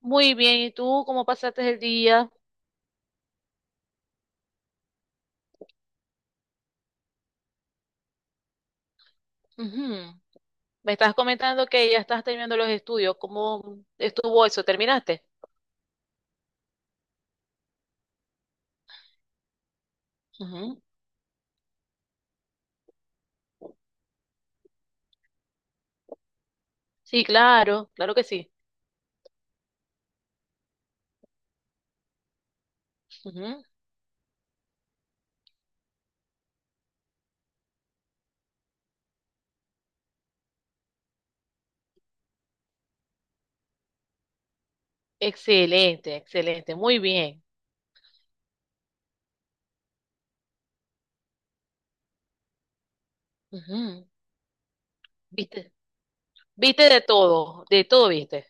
Muy bien, ¿y tú cómo pasaste el día? Ujú. Me estás comentando que ya estás terminando los estudios. ¿Cómo estuvo eso? ¿Terminaste? Ujú. Sí, claro, claro que sí. Ujú. Excelente, excelente, muy bien. Ujú. ¿Viste? ¿Viste de todo? De todo viste.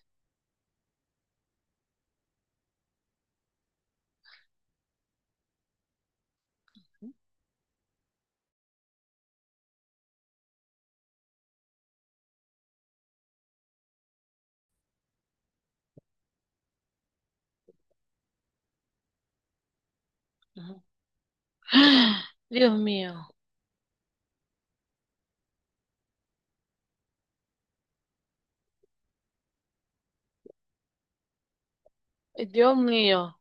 Ujú. ¡Ah! Dios mío, Dios mío,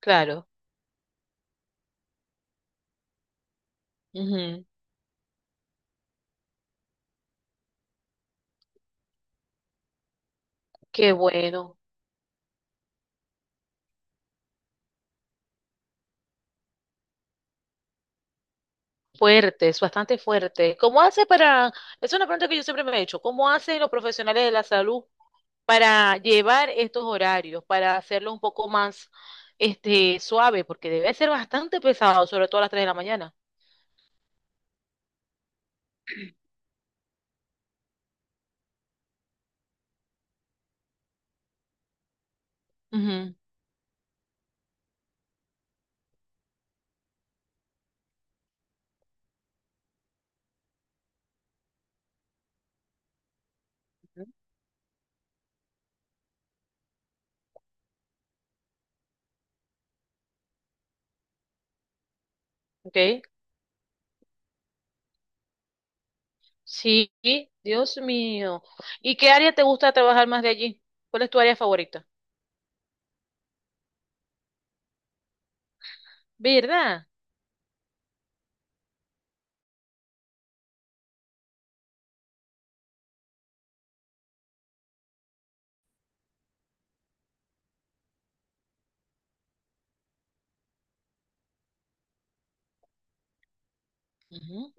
claro. Ujú. Qué bueno, fuerte, es bastante fuerte. ¿Cómo hace para... es una pregunta que yo siempre me he hecho. ¿Cómo hacen los profesionales de la salud para llevar estos horarios, para hacerlo un poco más, este, suave, porque debe ser bastante pesado, sobre todo a las 3 de la mañana? Ujú. Ujú. Ok, sí, Dios mío. ¿Y qué área te gusta trabajar más de allí? ¿Cuál es tu área favorita? ¿Verdad? Ujú.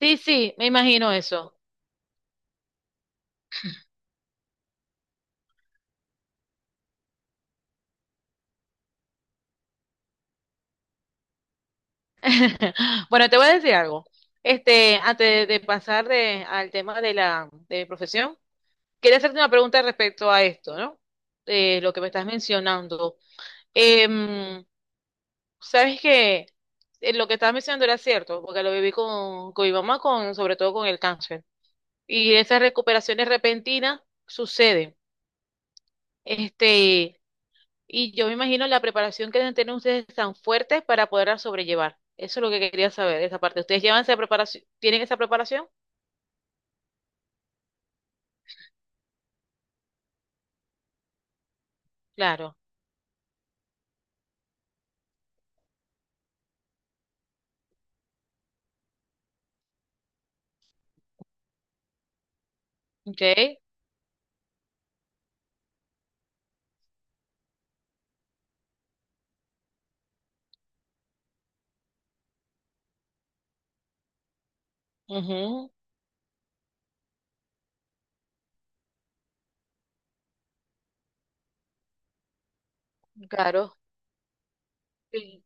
Sí, sí, me imagino eso. Bueno, te voy a decir algo. Este, antes de pasar al tema de la de mi profesión, quería hacerte una pregunta respecto a esto, ¿no? Lo que me estás mencionando. Em, sabes que lo que estabas mencionando era cierto, porque lo viví con mi mamá, sobre todo con el cáncer. Y esas recuperaciones repentinas suceden. Este, y yo me imagino la preparación que deben tener ustedes tan fuerte para poderla sobrellevar. Eso es lo que quería saber, esa parte. ¿Ustedes llevan esa preparación? ¿Tienen esa preparación? Claro. Ok. Ujú. Claro. Sí.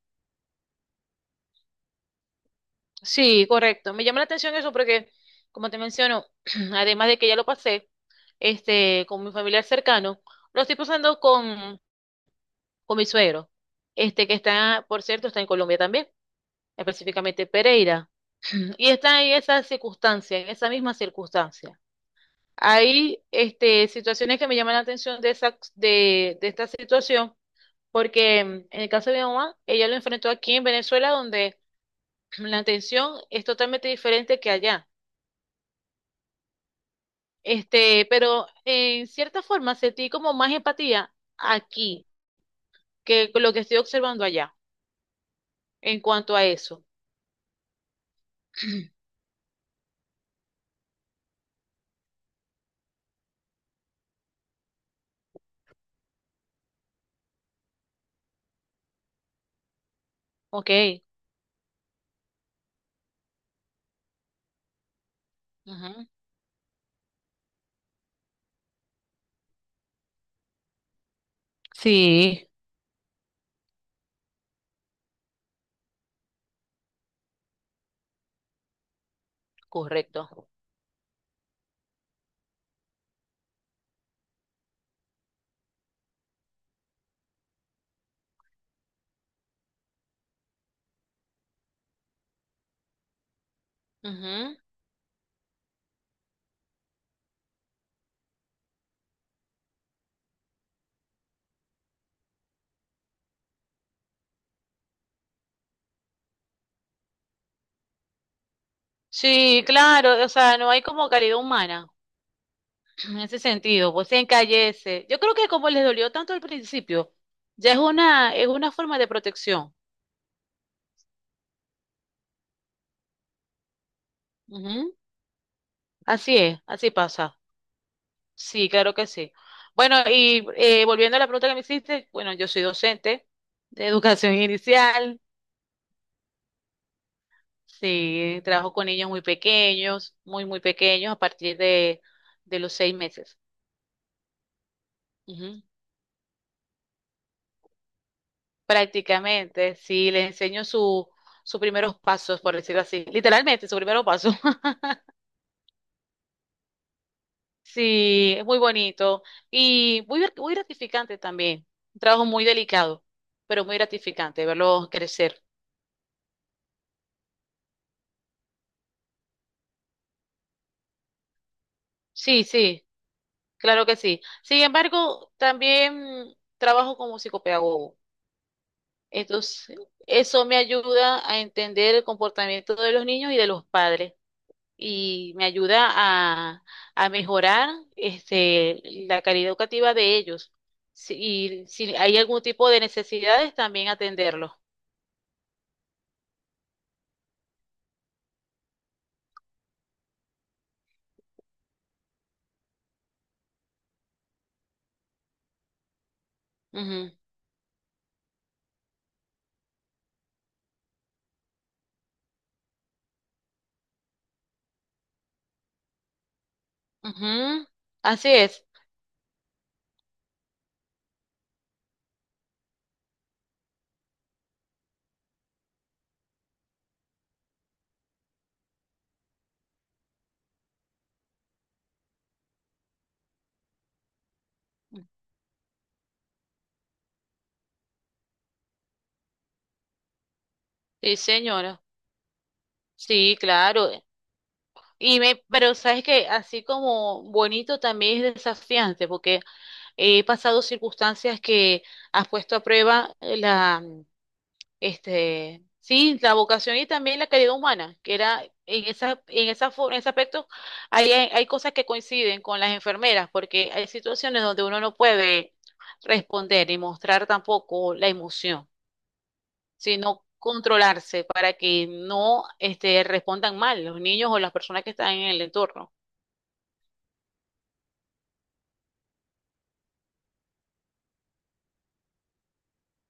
Sí, correcto. Me llama la atención eso porque, como te menciono, además de que ya lo pasé, este, con mi familiar cercano, lo estoy pasando con mi suegro, este, que está, por cierto, está en Colombia también, específicamente Pereira, y está en esa circunstancia, en esa misma circunstancia. Hay, este, situaciones que me llaman la atención de esta situación, porque en el caso de mi mamá, ella lo enfrentó aquí en Venezuela, donde la atención es totalmente diferente que allá. Este, pero en cierta forma sentí como más empatía aquí que con lo que estoy observando allá en cuanto a eso. Ok. Ujú. Sí, correcto. Ujú. Sí, claro, o sea, no hay como caridad humana en ese sentido, pues se encallece. Yo creo que como les dolió tanto al principio, ya es una forma de protección. Ujú. Así es, así pasa. Sí, claro que sí. Bueno, y volviendo a la pregunta que me hiciste, bueno, yo soy docente de educación inicial, sí, trabajo con niños muy pequeños, muy, muy pequeños, a partir de los 6 meses. Ujú. Prácticamente, sí, les enseño sus primeros pasos, por decirlo así, literalmente, su primeros pasos. Sí, es muy bonito y muy gratificante también. Un trabajo muy delicado, pero muy gratificante verlos crecer. Sí, sí. Claro que sí. Sin embargo, también trabajo como psicopedagogo. Entonces, eso me ayuda a entender el comportamiento de los niños y de los padres y me ayuda a mejorar, este, la calidad educativa de ellos. Si, y si hay algún tipo de necesidades, también atenderlos. Ujú, ujú. Así es. Sí, señora. Sí, claro. Pero sabes que así como bonito también es desafiante, porque he pasado circunstancias que has puesto a prueba este, sí, la vocación y también la calidad humana, que era en esa, en ese aspecto hay cosas que coinciden con las enfermeras, porque hay situaciones donde uno no puede responder y mostrar tampoco la emoción, sino controlarse para que no, este, respondan mal los niños o las personas que están en el entorno.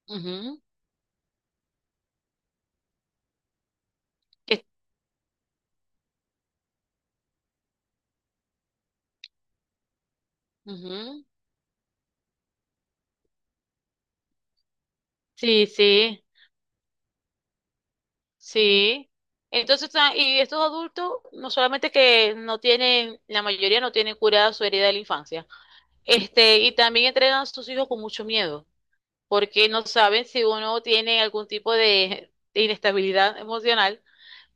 Ujú. Que- Ujú. Sí, sí. Sí. Entonces, ah, y estos adultos, no solamente que no tienen, la mayoría no tienen curada su herida de la infancia, este, y también entregan a sus hijos con mucho miedo, porque no saben si uno tiene algún tipo de inestabilidad emocional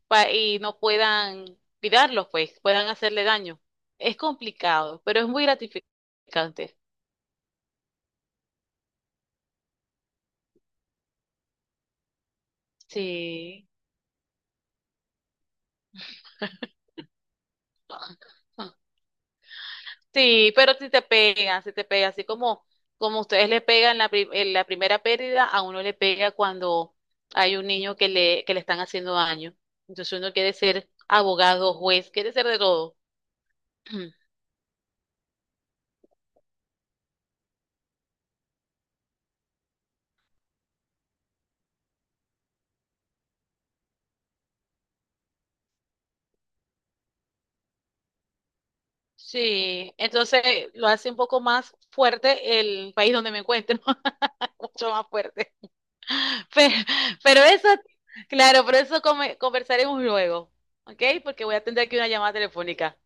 y no puedan cuidarlos, pues, puedan hacerle daño. Es complicado, pero es muy gratificante. Sí. Sí, pero si te pega, así como, como ustedes le pegan en la primera pérdida, a uno le pega cuando hay un niño que le están haciendo daño. Entonces uno quiere ser abogado, juez, quiere ser de todo. Sí, entonces lo hace un poco más fuerte el país donde me encuentro, mucho más fuerte. Pero, pero eso, claro, pero conversaremos luego, ¿ok? Porque voy a atender aquí una llamada telefónica.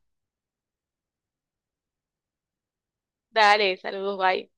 Dale, saludos, bye.